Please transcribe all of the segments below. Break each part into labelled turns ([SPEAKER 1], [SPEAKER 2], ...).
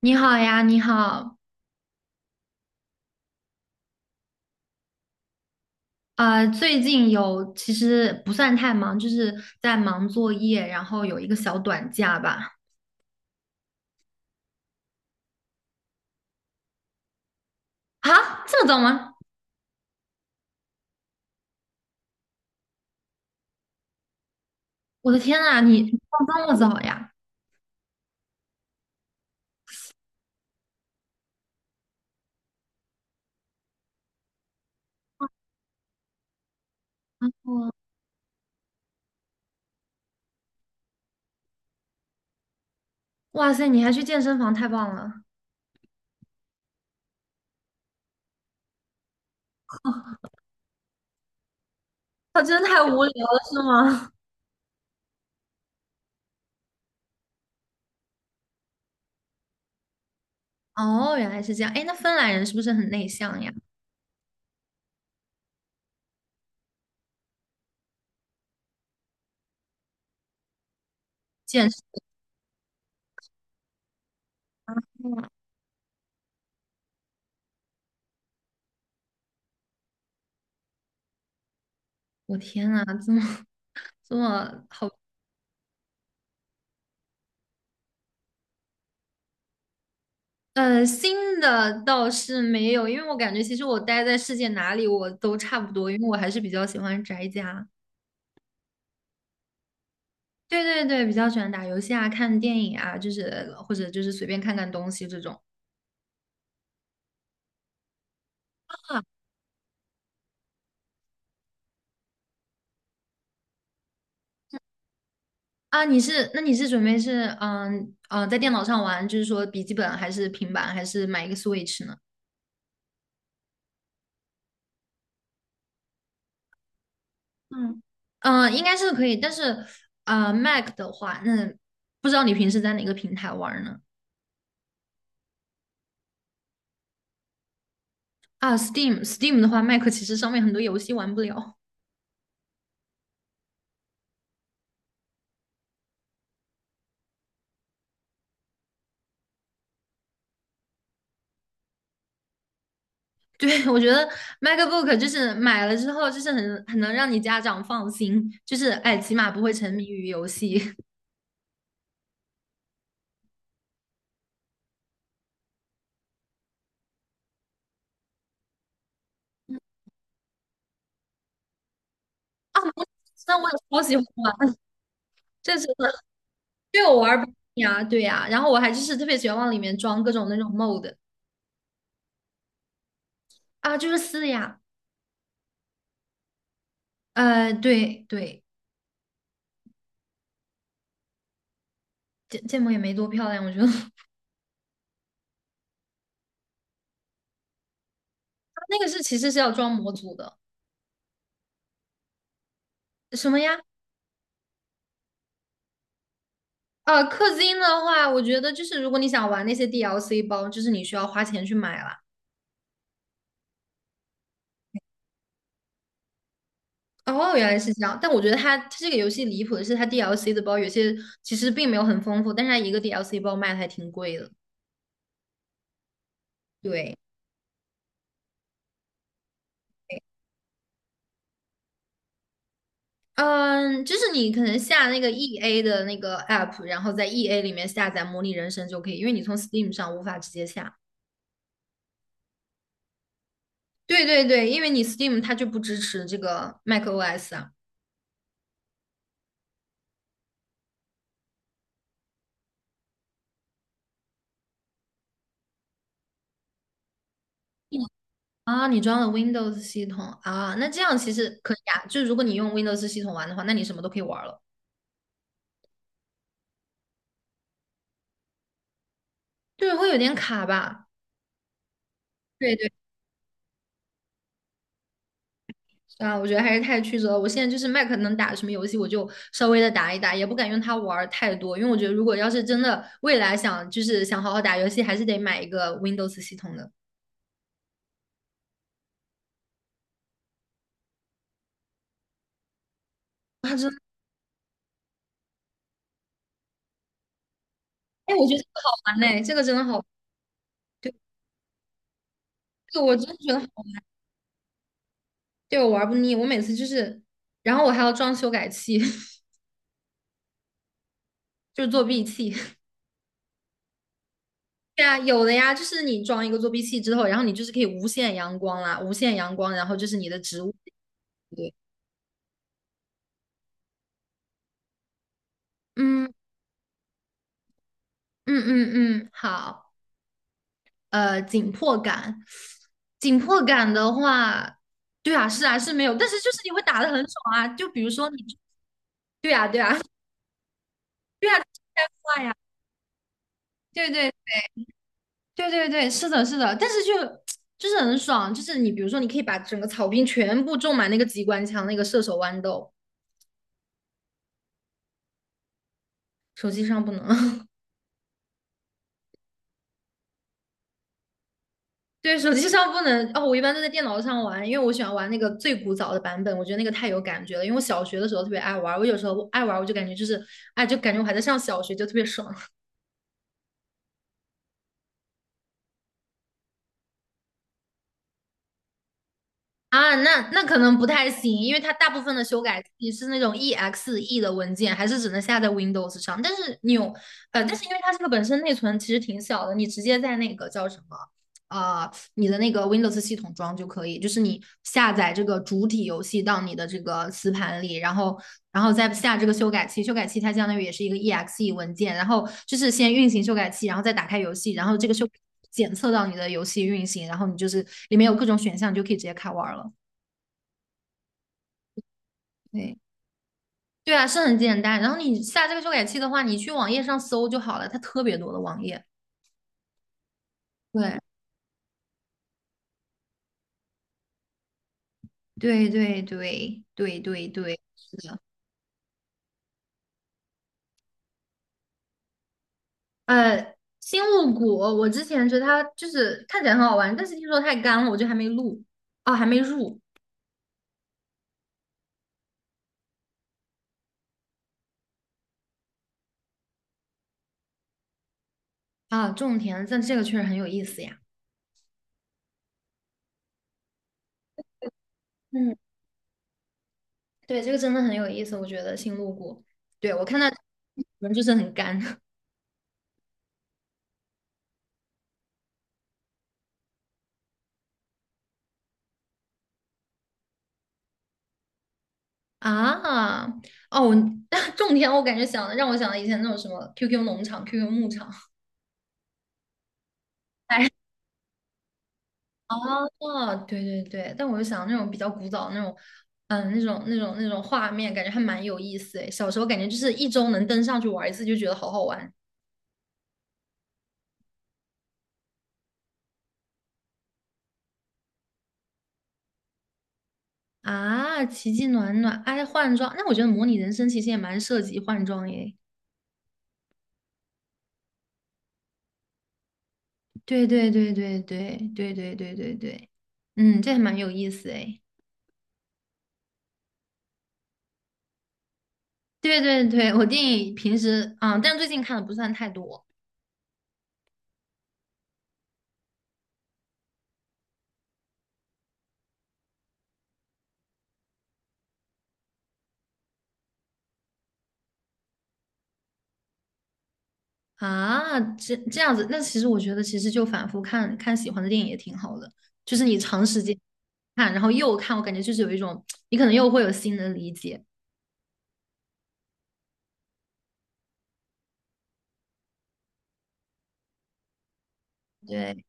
[SPEAKER 1] 你好呀，你好。最近有其实不算太忙，就是在忙作业，然后有一个小短假吧。啊，这么早吗？我的天呐，你放这么早呀？哇哇塞，你还去健身房，太棒了！他真的太无聊了，是吗？哦，原来是这样。哎，那芬兰人是不是很内向呀？健身啊，哇我天呐，这么好，新的倒是没有，因为我感觉其实我待在世界哪里我都差不多，因为我还是比较喜欢宅家。对对对，比较喜欢打游戏啊、看电影啊，就是或者就是随便看看东西这种。啊啊，你是准备在电脑上玩，就是说笔记本还是平板，还是买一个 Switch 呢？嗯，嗯，应该是可以，但是Mac 的话，那不知道你平时在哪个平台玩儿呢？啊，Steam，Steam 的话，Mac 其实上面很多游戏玩不了。对，我觉得 MacBook 就是买了之后，就是很能让你家长放心，就是哎，起码不会沉迷于游戏。那我也超喜欢玩，这是为我玩不腻啊，对呀、然后我还就是特别喜欢往里面装各种那种 mod 啊，就是撕的呀，对对，建模也没多漂亮，我觉得 它那个是其实是要装模组的。什么呀？氪金的话，我觉得就是如果你想玩那些 DLC 包，就是你需要花钱去买了。哦，原来是这样。但我觉得它这个游戏离谱的是，它 DLC 的包有些其实并没有很丰富，但是它一个 DLC 包卖的还挺贵的。对，嗯，就是你可能下那个 EA 的那个 app，然后在 EA 里面下载《模拟人生》就可以，因为你从 Steam 上无法直接下。对对对，因为你 Steam 它就不支持这个 macOS 啊。啊，你装了 Windows 系统啊，那这样其实可以啊。就如果你用 Windows 系统玩的话，那你什么都可以玩了。对，会有点卡吧？对对啊，我觉得还是太曲折了。我现在就是 Mac 能打什么游戏，我就稍微的打一打，也不敢用它玩儿太多，因为我觉得如果要是真的未来想就是想好好打游戏，还是得买一个 Windows 系统的。哎，我觉得这个好玩嘞，这个真的好，对，这个我真的觉得好，对我玩不腻。我每次就是，然后我还要装修改器，就是作弊器。对啊，有的呀，就是你装一个作弊器之后，然后你就是可以无限阳光啦，无限阳光，然后就是你的植物。对，嗯嗯嗯嗯，好。紧迫感。紧迫感的话，对啊，是啊，是没有，但是就是你会打得很爽啊。就比如说你，对啊，对啊，对啊，快呀，对对对对对，是的，是的，但是就 就是很爽，就是你比如说你可以把整个草坪全部种满那个机关枪，那个射手豌豆，手机上不能。对，手机上不能哦，我一般都在电脑上玩，因为我喜欢玩那个最古早的版本，我觉得那个太有感觉了。因为我小学的时候特别爱玩，我有时候爱玩，我就感觉就是，哎，就感觉我还在上小学，就特别爽。啊，那那可能不太行，因为它大部分的修改器是那种 EXE 的文件，还是只能下在 Windows 上。但是你有，但是因为它这个本身内存其实挺小的，你直接在那个叫什么，呃你的那个 Windows 系统装就可以，就是你下载这个主体游戏到你的这个磁盘里，然后再下这个修改器，修改器它相当于也是一个 exe 文件，然后就是先运行修改器，然后再打开游戏，然后这个检测到你的游戏运行，然后你就是里面有各种选项，你就可以直接开玩了。对对啊，是很简单。然后你下这个修改器的话，你去网页上搜就好了，它特别多的网页。对对对对对对对，是的。星露谷，我之前觉得它就是看起来很好玩，但是听说太干了，我就还没录，啊，还没入啊，种田，但这个确实很有意思呀。嗯，对，这个真的很有意思，我觉得星露谷，对，我看到 人就是很干 啊，哦，我 种田，我感觉让我想到以前那种什么 QQ 农场、QQ 牧场，哎哦，对对对，但我就想那种比较古早那种，嗯，那种画面，感觉还蛮有意思诶。小时候感觉就是一周能登上去玩一次，就觉得好好玩啊！奇迹暖暖，哎，换装，那我觉得模拟人生其实也蛮涉及换装耶。对对对对对对对对对对，嗯，这还蛮有意思诶。对对对，我电影平时啊，但最近看的不算太多。啊，这样子，那其实我觉得，其实就反复看看喜欢的电影也挺好的，就是你长时间看，然后又看，我感觉就是有一种，你可能又会有新的理解。对，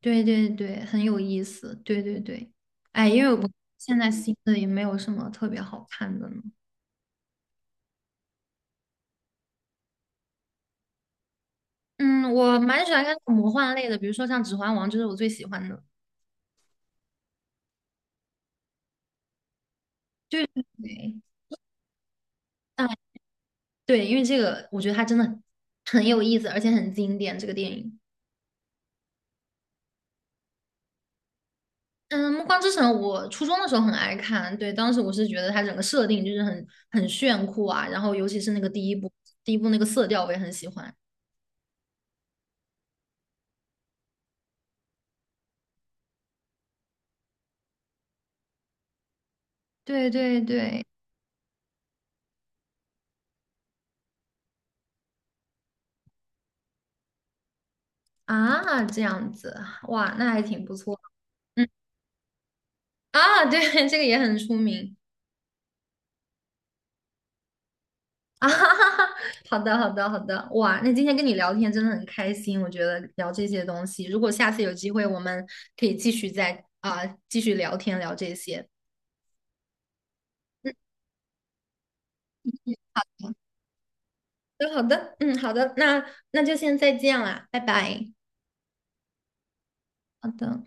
[SPEAKER 1] 对对对，很有意思。对对对，哎，因为我现在新的也没有什么特别好看的呢。嗯，我蛮喜欢看魔幻类的，比如说像《指环王》，就是我最喜欢的。对对对，啊，对，因为这个我觉得它真的很有意思，而且很经典，这个电影。嗯，《暮光之城》我初中的时候很爱看，对，当时我是觉得它整个设定就是很炫酷啊，然后尤其是那个第一部，第一部那个色调我也很喜欢。对对对，啊，这样子，哇，那还挺不错。嗯，啊，对，这个也很出名啊。哈哈哈，好的好的好的，哇，那今天跟你聊天真的很开心，我觉得聊这些东西，如果下次有机会，我们可以继续再啊、继续聊天聊这些。嗯。好好的，好的，嗯，好的，那就先再见啦，拜拜。好的。